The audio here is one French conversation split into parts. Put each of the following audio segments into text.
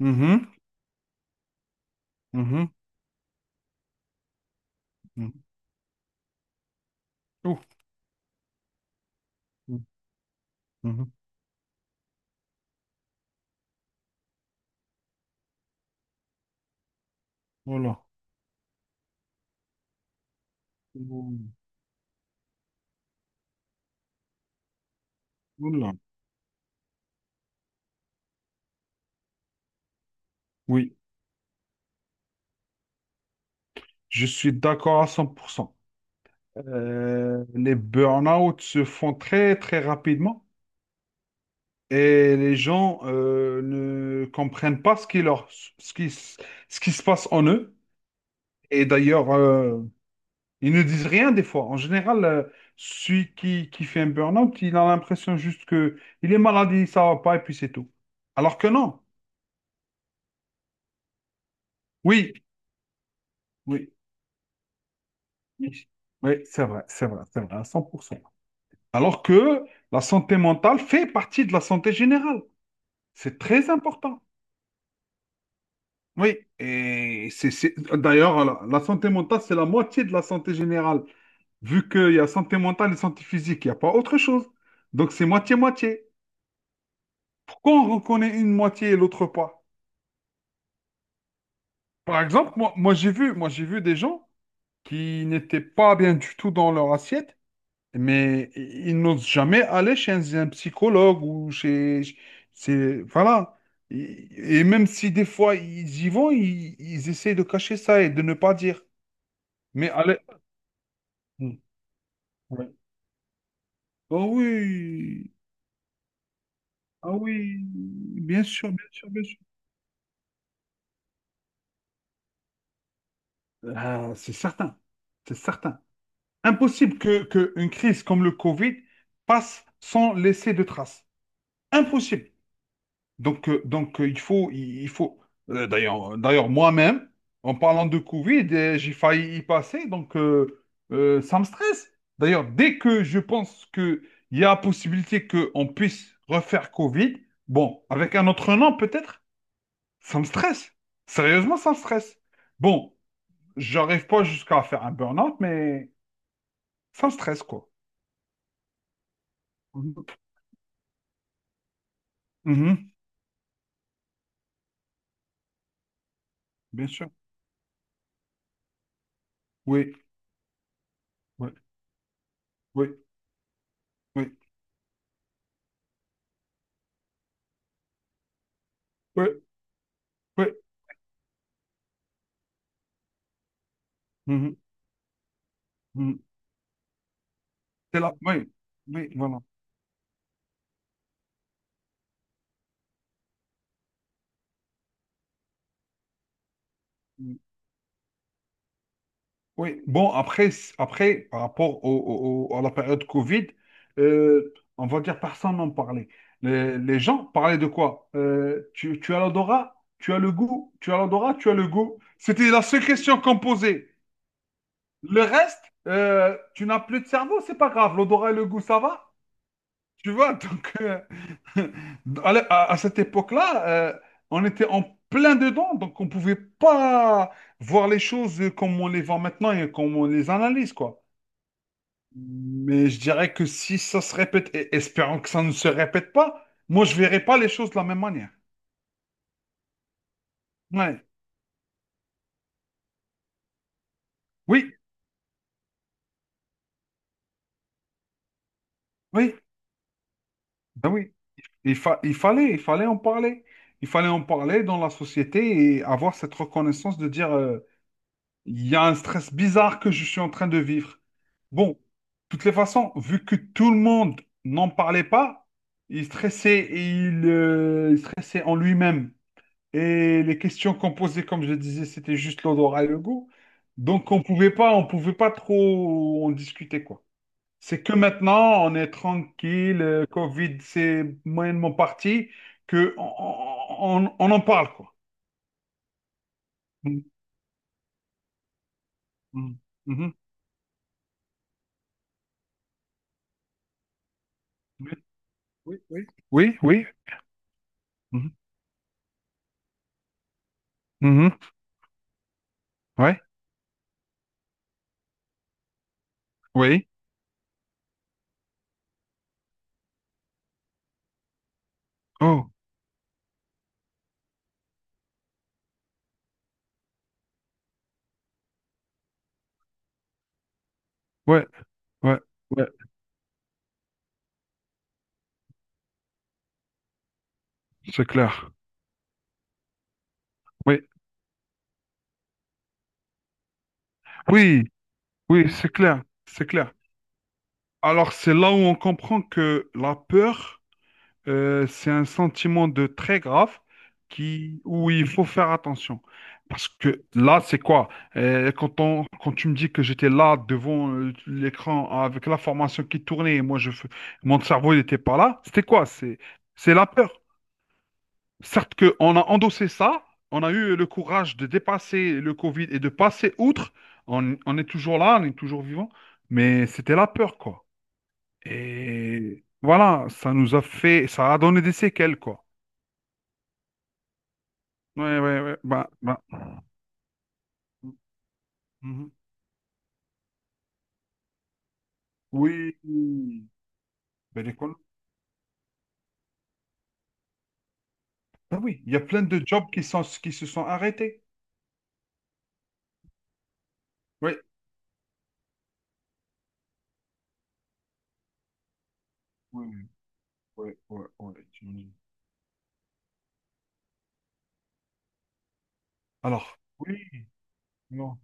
Mhm, mhm, mhm. Ouh, mhm, mhm. Oh là. Ouh, oh là. Oui, je suis d'accord à 100%. Les burn-out se font très, très rapidement et les gens ne comprennent pas ce qui leur, ce qui, s- ce qui se passe en eux. Et d'ailleurs, ils ne disent rien des fois. En général, celui qui fait un burn-out, il a l'impression juste que il est malade, ça va pas et puis c'est tout. Alors que non. Oui, oui. Oui, oui, c'est vrai, c'est vrai, c'est vrai, à 100%. Alors que la santé mentale fait partie de la santé générale. C'est très important. Oui, et d'ailleurs, la santé mentale, c'est la moitié de la santé générale, vu qu'il y a santé mentale et santé physique, il n'y a pas autre chose. Donc c'est moitié-moitié. Pourquoi on reconnaît une moitié et l'autre pas? Par exemple, moi j'ai vu des gens qui n'étaient pas bien du tout dans leur assiette, mais ils n'osent jamais aller chez un psychologue ou chez... C'est, voilà. Et même si des fois ils y vont, ils essaient de cacher ça et de ne pas dire. Mais allez... Mm. Ouais. Oh oui, ah oui, bien sûr, bien sûr, bien sûr. Ah, c'est certain, c'est certain. Impossible que une crise comme le Covid passe sans laisser de traces. Impossible. Donc, il faut, il faut. D'ailleurs, moi-même, en parlant de Covid, j'ai failli y passer, donc ça me stresse. D'ailleurs, dès que je pense qu'il y a possibilité qu'on puisse refaire Covid, bon, avec un autre nom peut-être, ça me stresse. Sérieusement, ça me stresse. Bon, j'arrive pas jusqu'à faire un burn-out, mais ça me stresse, quoi. Mhm. Mhm. Bien sûr. Oui, oui, oui, oui, oui, oui. Mhm. Mhm. C'est là, oui, oui, voilà. Mm. Oui, bon, après, après par rapport à la période Covid, on va dire personne n'en parlait. Les gens parlaient de quoi? Tu as l'odorat, tu as le goût, tu as l'odorat, tu as le goût. C'était la seule question qu'on posait. Le reste, tu n'as plus de cerveau, c'est pas grave. L'odorat et le goût, ça va. Tu vois, donc, à cette époque-là, on était en plein dedans, donc on ne pouvait pas voir les choses comme on les voit maintenant et comme on les analyse, quoi. Mais je dirais que si ça se répète, et espérons que ça ne se répète pas, moi, je ne verrai pas les choses de la même manière. Ouais. Oui, oui, ben oui. Il fallait en parler. Il fallait en parler dans la société et avoir cette reconnaissance de dire: il y a un stress bizarre que je suis en train de vivre. Bon, de toutes les façons, vu que tout le monde n'en parlait pas, il stressait et il stressait en lui-même. Et les questions qu'on posait, comme je disais, c'était juste l'odorat et le goût. Donc on pouvait pas trop en discuter, quoi. C'est que maintenant, on est tranquille, Covid, c'est moyennement parti, que on en parle, quoi. Mm, mm, mhm. Oui, oui, oui. Oui, oui. Mhm. Ouais, oui, oh, ouais, ouais, ouais, c'est clair. Oui, oui, oui, c'est clair, c'est clair. Alors, c'est là où on comprend que la peur, c'est un sentiment de très grave où il faut faire attention. Parce que là, c'est quoi? Quand tu me dis que j'étais là devant l'écran avec la formation qui tournait et moi, mon cerveau n'était pas là, c'était quoi? C'est la peur. Certes qu'on a endossé ça, on a eu le courage de dépasser le Covid et de passer outre. On est toujours là, on est toujours vivant, mais c'était la peur, quoi. Et voilà, ça nous a fait, ça a donné des séquelles, quoi. Ouais, ouais, ouais. Bah, bah. Mhm. Oui. Ben, l'école- Ah oui, il y a plein de jobs qui se sont arrêtés. Oui. Oui, oui, oui, oui, oui, j'imagine. Alors, oui, non,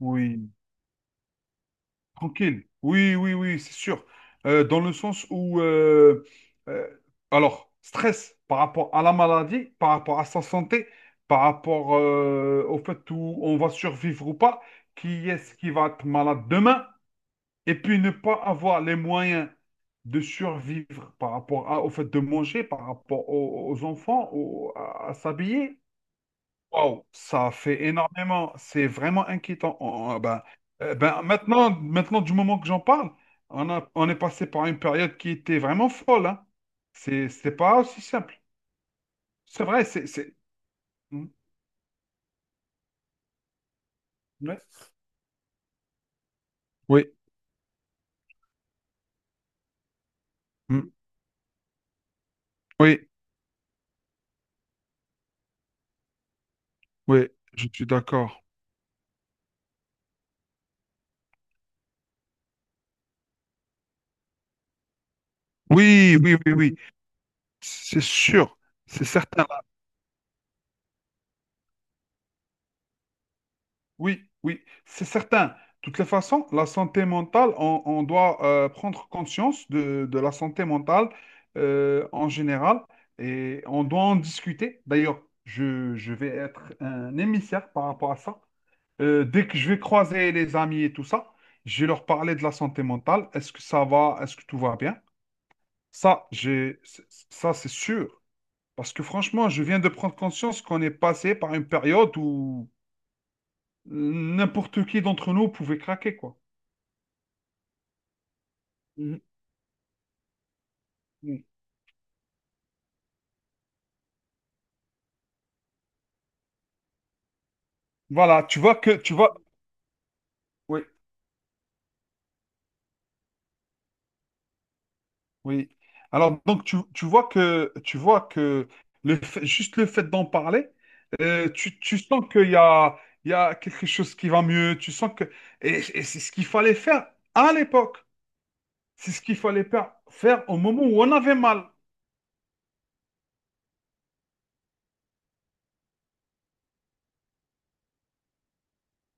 oui. Tranquille. Oui, oui, oui, c'est sûr. Dans le sens où, euh, alors, stress par rapport à la maladie, par rapport à sa santé, par rapport au fait où on va survivre ou pas, qui est-ce qui va être malade demain, et puis ne pas avoir les moyens de survivre par rapport au fait de manger, par rapport aux enfants, à s'habiller. Wow, ça fait énormément. C'est vraiment inquiétant. Ah ben, maintenant, du moment que j'en parle, on est passé par une période qui était vraiment folle. Hein. C'est pas aussi simple. C'est vrai, c'est. Mm, ouais. Oui, mm, oui, oui, je suis d'accord. Oui, oui, oui, oui. C'est sûr, c'est certain. Oui, oui, c'est certain. De toutes les façons, la santé mentale, on doit prendre conscience de la santé mentale en général et on doit en discuter. D'ailleurs, je vais être un émissaire par rapport à ça. Dès que je vais croiser les amis et tout ça, je vais leur parler de la santé mentale. Est-ce que ça va? Est-ce que tout va bien? Ça, j'ai, c- ça, c'est sûr. Parce que franchement, je viens de prendre conscience qu'on est passé par une période où n'importe qui d'entre nous pouvait craquer, quoi. Mhm. Mhm. Voilà, tu vois oui, oui. Alors donc tu vois que juste le fait d'en parler, tu sens qu'il y a quelque chose qui va mieux, tu sens que et c'est ce qu'il fallait faire à l'époque. C'est ce qu'il fallait faire au moment où on avait mal.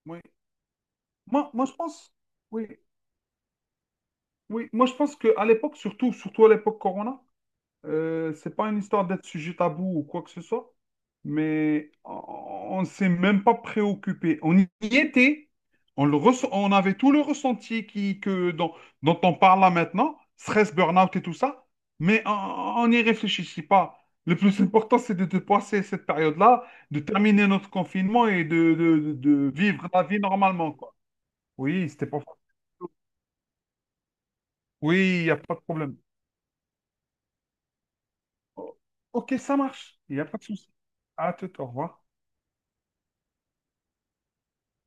Oui. Moi je pense oui, oui, moi je pense que à l'époque surtout à l'époque Corona. C'est pas une histoire d'être sujet tabou ou quoi que ce soit, mais on ne s'est même pas préoccupé. On y était, on avait tout le ressenti dont on parle là maintenant, stress, burn-out et tout ça, mais on n'y réfléchissait pas. Le plus important, c'est de passer cette période-là, de terminer notre confinement et de vivre la vie normalement, quoi. Oui, c'était pas facile. Oui, il n'y a pas de problème. O- Ok, ça marche, il n'y a pas de souci. À tout, au revoir.